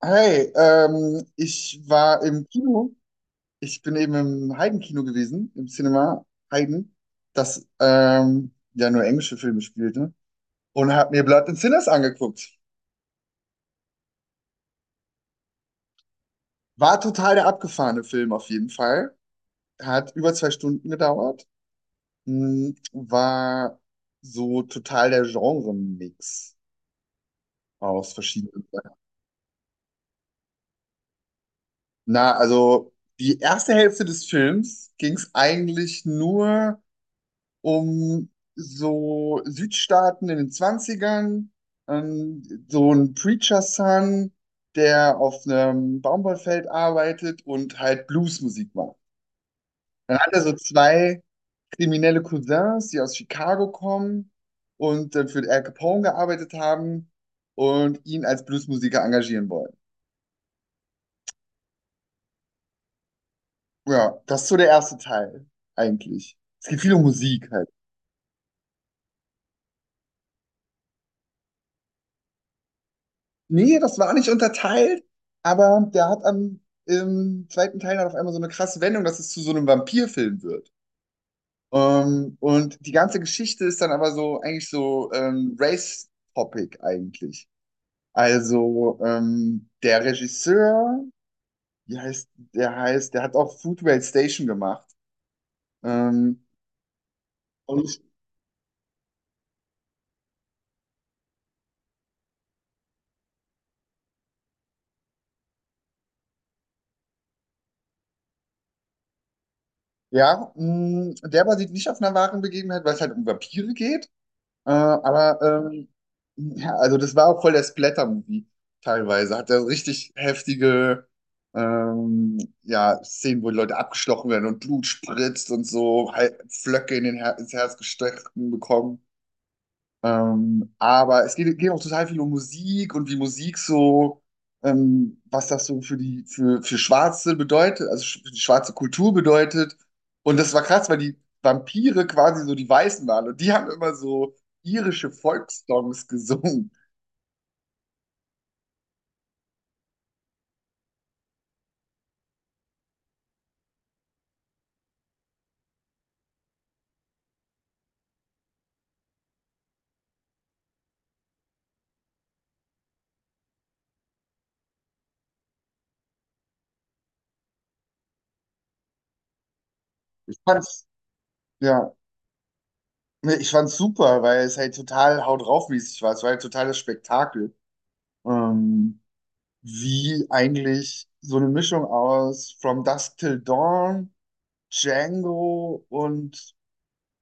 Hey, ich war im Kino. Ich bin eben im Heiden-Kino gewesen, im Cinema Heiden, das ja nur englische Filme spielte. Und habe mir Blood and Sinners angeguckt. War total der abgefahrene Film auf jeden Fall. Hat über 2 Stunden gedauert. Hm. War so total der Genre-Mix aus verschiedenen Sachen. Na, also die erste Hälfte des Films ging es eigentlich nur um so Südstaaten in den Zwanzigern, ähm, so ein Preacher Son, der auf einem Baumwollfeld arbeitet und halt Bluesmusik macht. Dann hat er so zwei kriminelle Cousins, die aus Chicago kommen und dann für Al Capone gearbeitet haben und ihn als Bluesmusiker engagieren wollen. Ja, das ist so der erste Teil eigentlich. Es geht viel um Musik halt. Nee, das war nicht unterteilt, aber der hat am im zweiten Teil dann auf einmal so eine krasse Wendung, dass es zu so einem Vampirfilm wird. Und die ganze Geschichte ist dann aber so eigentlich so Race-Topic eigentlich. Also der Regisseur, wie heißt, der hat auch Foodway Station gemacht. Ähm, und ja, mh, der basiert nicht auf einer wahren Begebenheit, weil es halt um Vampire geht. Äh, aber ähm, ja, also das war auch voll der Splatter-Movie teilweise. Hat er richtig heftige ähm, ja, Szenen, wo die Leute abgestochen werden und Blut spritzt und so, halt Flöcke in den Her ins Herz gestochen bekommen. Aber es geht auch total viel um Musik und wie Musik so, was das so für für Schwarze bedeutet, also für die schwarze Kultur bedeutet. Und das war krass, weil die Vampire quasi so die Weißen waren und die haben immer so irische Volkssongs gesungen. Ich fand's, ja, nee, ich fand's super, weil es halt total haut draufmäßig war. Es war halt total das Spektakel. Ähm, wie eigentlich so eine Mischung aus From Dusk Till Dawn, Django und,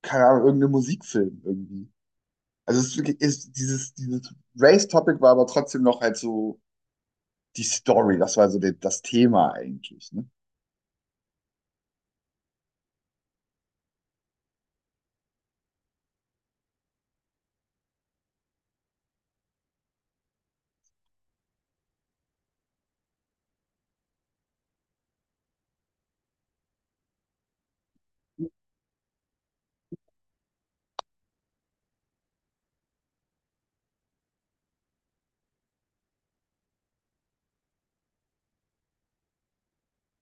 keine Ahnung, irgendein Musikfilm irgendwie. Also es ist wirklich, ist dieses Race-Topic war aber trotzdem noch halt so die Story, das war so das Thema eigentlich, ne?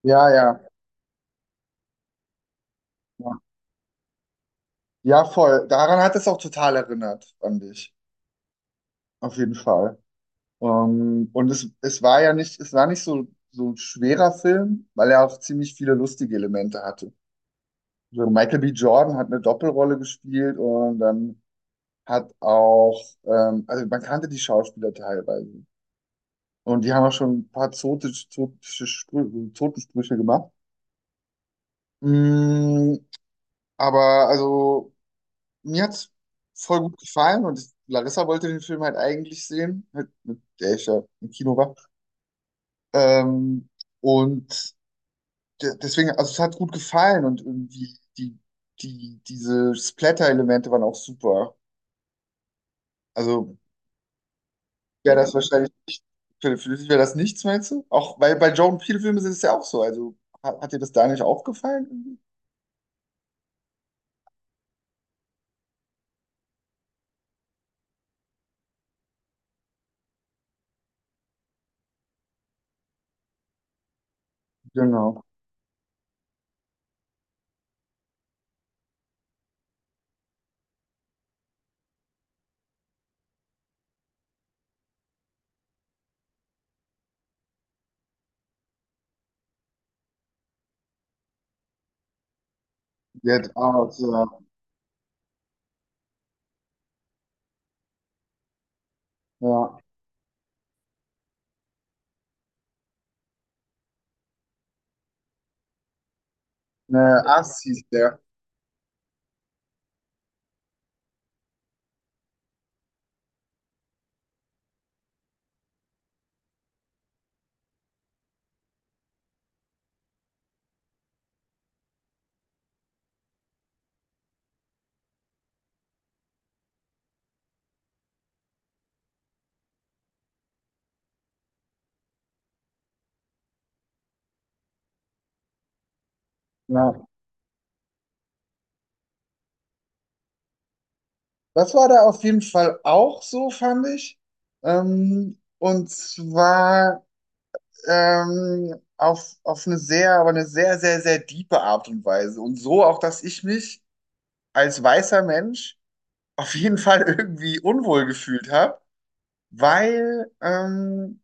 Ja, ja, ja. Ja, voll. Daran hat es auch total erinnert, fand ich. Auf jeden Fall. Und es war ja nicht, es war nicht so, so ein schwerer Film, weil er auch ziemlich viele lustige Elemente hatte. So Michael B. Jordan hat eine Doppelrolle gespielt und dann hat auch, also man kannte die Schauspieler teilweise. Und die haben auch schon ein paar zotische Totensprüche gemacht. Mm, aber also, mir hat's voll gut gefallen und ich, Larissa wollte den Film halt eigentlich sehen, halt, mit der ich ja im Kino war. Ähm, und deswegen, also es hat gut gefallen und irgendwie diese Splatter-Elemente waren auch super. Also wäre das wahrscheinlich nicht, für dich wäre das nichts, meinst du? Auch, weil bei Jordan Peele Filmen ist es ja auch so. Also hat dir das da nicht auch gefallen? Irgendwie? Genau. Get Out, ja. Ja. Ne, Ass hieß der. Ja. Das war da auf jeden Fall auch so, fand ich. Und zwar. Auf eine sehr, aber eine sehr, sehr, sehr diepe Art und Weise. Und so auch, dass ich mich als weißer Mensch auf jeden Fall irgendwie unwohl gefühlt habe, weil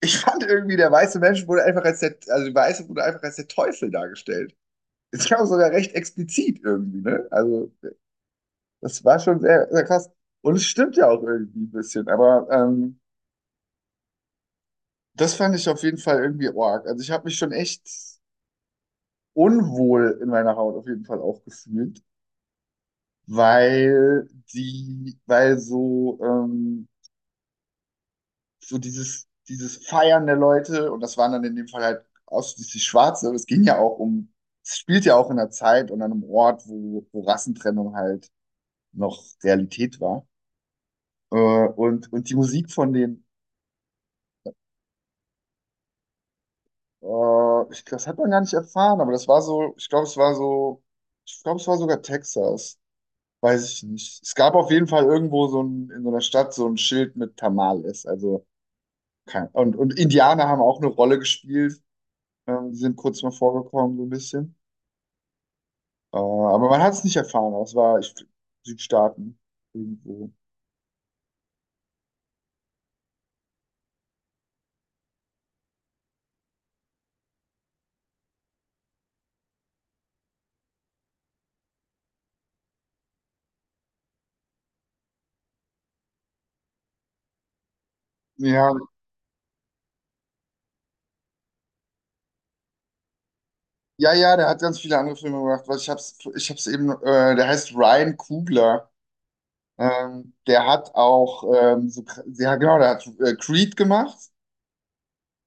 ich fand irgendwie, der weiße Mensch wurde einfach als der, also der Weiße wurde einfach als der Teufel dargestellt. Ich glaube sogar recht explizit irgendwie, ne? Also das war schon sehr, sehr krass. Und es stimmt ja auch irgendwie ein bisschen, aber das fand ich auf jeden Fall irgendwie arg. Also ich habe mich schon echt unwohl in meiner Haut auf jeden Fall auch gefühlt, weil so, dieses Feiern der Leute, und das waren dann in dem Fall halt ausschließlich Schwarze, aber es ging ja auch um, es spielt ja auch in einer Zeit und an einem Ort, wo Rassentrennung halt noch Realität war. Und die Musik von den, ich, das hat man gar nicht erfahren, aber das war so, ich glaube, es war so, ich glaube, es war sogar Texas. Weiß ich nicht. Es gab auf jeden Fall irgendwo so ein, in so einer Stadt so ein Schild mit Tamales. Also kein, und Indianer haben auch eine Rolle gespielt. Die sind kurz mal vorgekommen, so ein bisschen. Aber man hat es nicht erfahren. Es war ich, Südstaaten irgendwo. Ja, ja, ja, der hat ganz viele andere Filme gemacht. Ich hab's eben, der heißt Ryan Coogler. Der hat auch, ja genau, der hat Creed gemacht.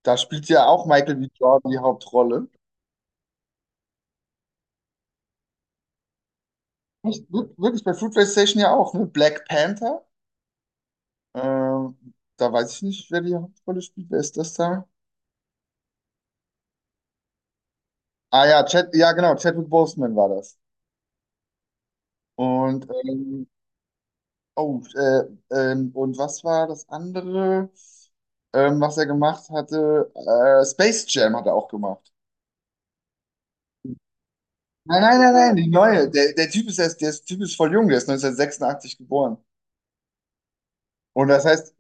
Da spielt ja auch Michael B. Jordan die Hauptrolle. Echt, wirklich bei Fruitvale Station ja auch, ne? Black Panther. Ähm, da weiß ich nicht, wer die Hauptrolle spielt. Wer ist das da? Ah ja, Chad, ja genau, Chadwick Boseman war das. Und ähm, oh, äh, und was war das andere, was er gemacht hatte? Space Jam hat er auch gemacht. Nein, nein, nein, nein, die neue. Der Typ ist erst, der Typ ist voll jung, der ist 1986 geboren. Und das heißt,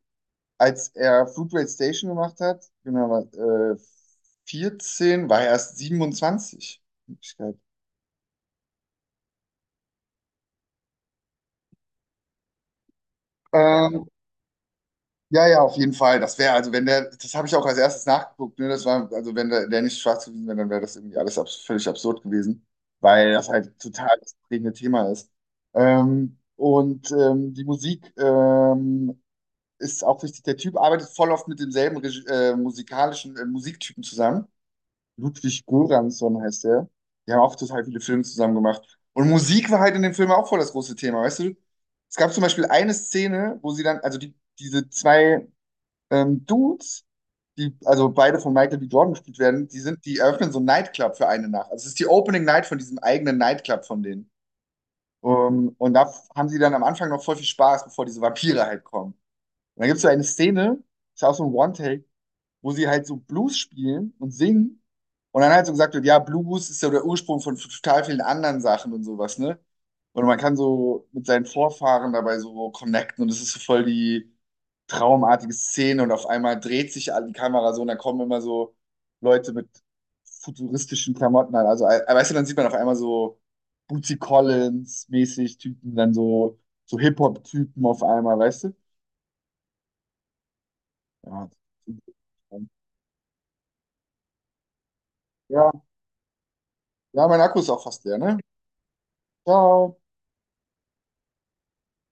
als er Fruitvale Station gemacht hat, genau, 14, war er erst 27. Ähm, ja, ja, auf jeden Fall. Das wäre, also wenn der, das habe ich auch als erstes nachgeguckt, ne? Das war, also wenn der nicht schwarz gewesen wäre, dann wäre das irgendwie alles abs völlig absurd gewesen, weil das halt total das prägende Thema ist. Die Musik ist auch wichtig. Der Typ arbeitet voll oft mit demselben Regi musikalischen Musiktypen zusammen. Ludwig Göransson heißt der. Die haben auch total viele Filme zusammen gemacht. Und Musik war halt in dem Film auch voll das große Thema, weißt du? Es gab zum Beispiel eine Szene, wo sie dann, also die, diese zwei Dudes, die, also beide von Michael B. Jordan gespielt werden, die sind, die eröffnen so einen Nightclub für eine Nacht. Also es ist die Opening Night von diesem eigenen Nightclub von denen. Um, und da haben sie dann am Anfang noch voll viel Spaß, bevor diese Vampire halt kommen. Und dann gibt es so eine Szene, ist auch so ein One-Take, wo sie halt so Blues spielen und singen. Und dann halt so gesagt wird, ja, Blues ist ja der Ursprung von total vielen anderen Sachen und sowas, ne? Und man kann so mit seinen Vorfahren dabei so connecten und es ist so voll die traumartige Szene und auf einmal dreht sich die Kamera so und dann kommen immer so Leute mit futuristischen Klamotten an. Also, weißt du, dann sieht man auf einmal so Bootsy Collins-mäßig Typen, dann so, so Hip-Hop-Typen auf einmal, weißt du? Ja. Ja, ja, mein Akku ist auch fast leer, ne? Ciao.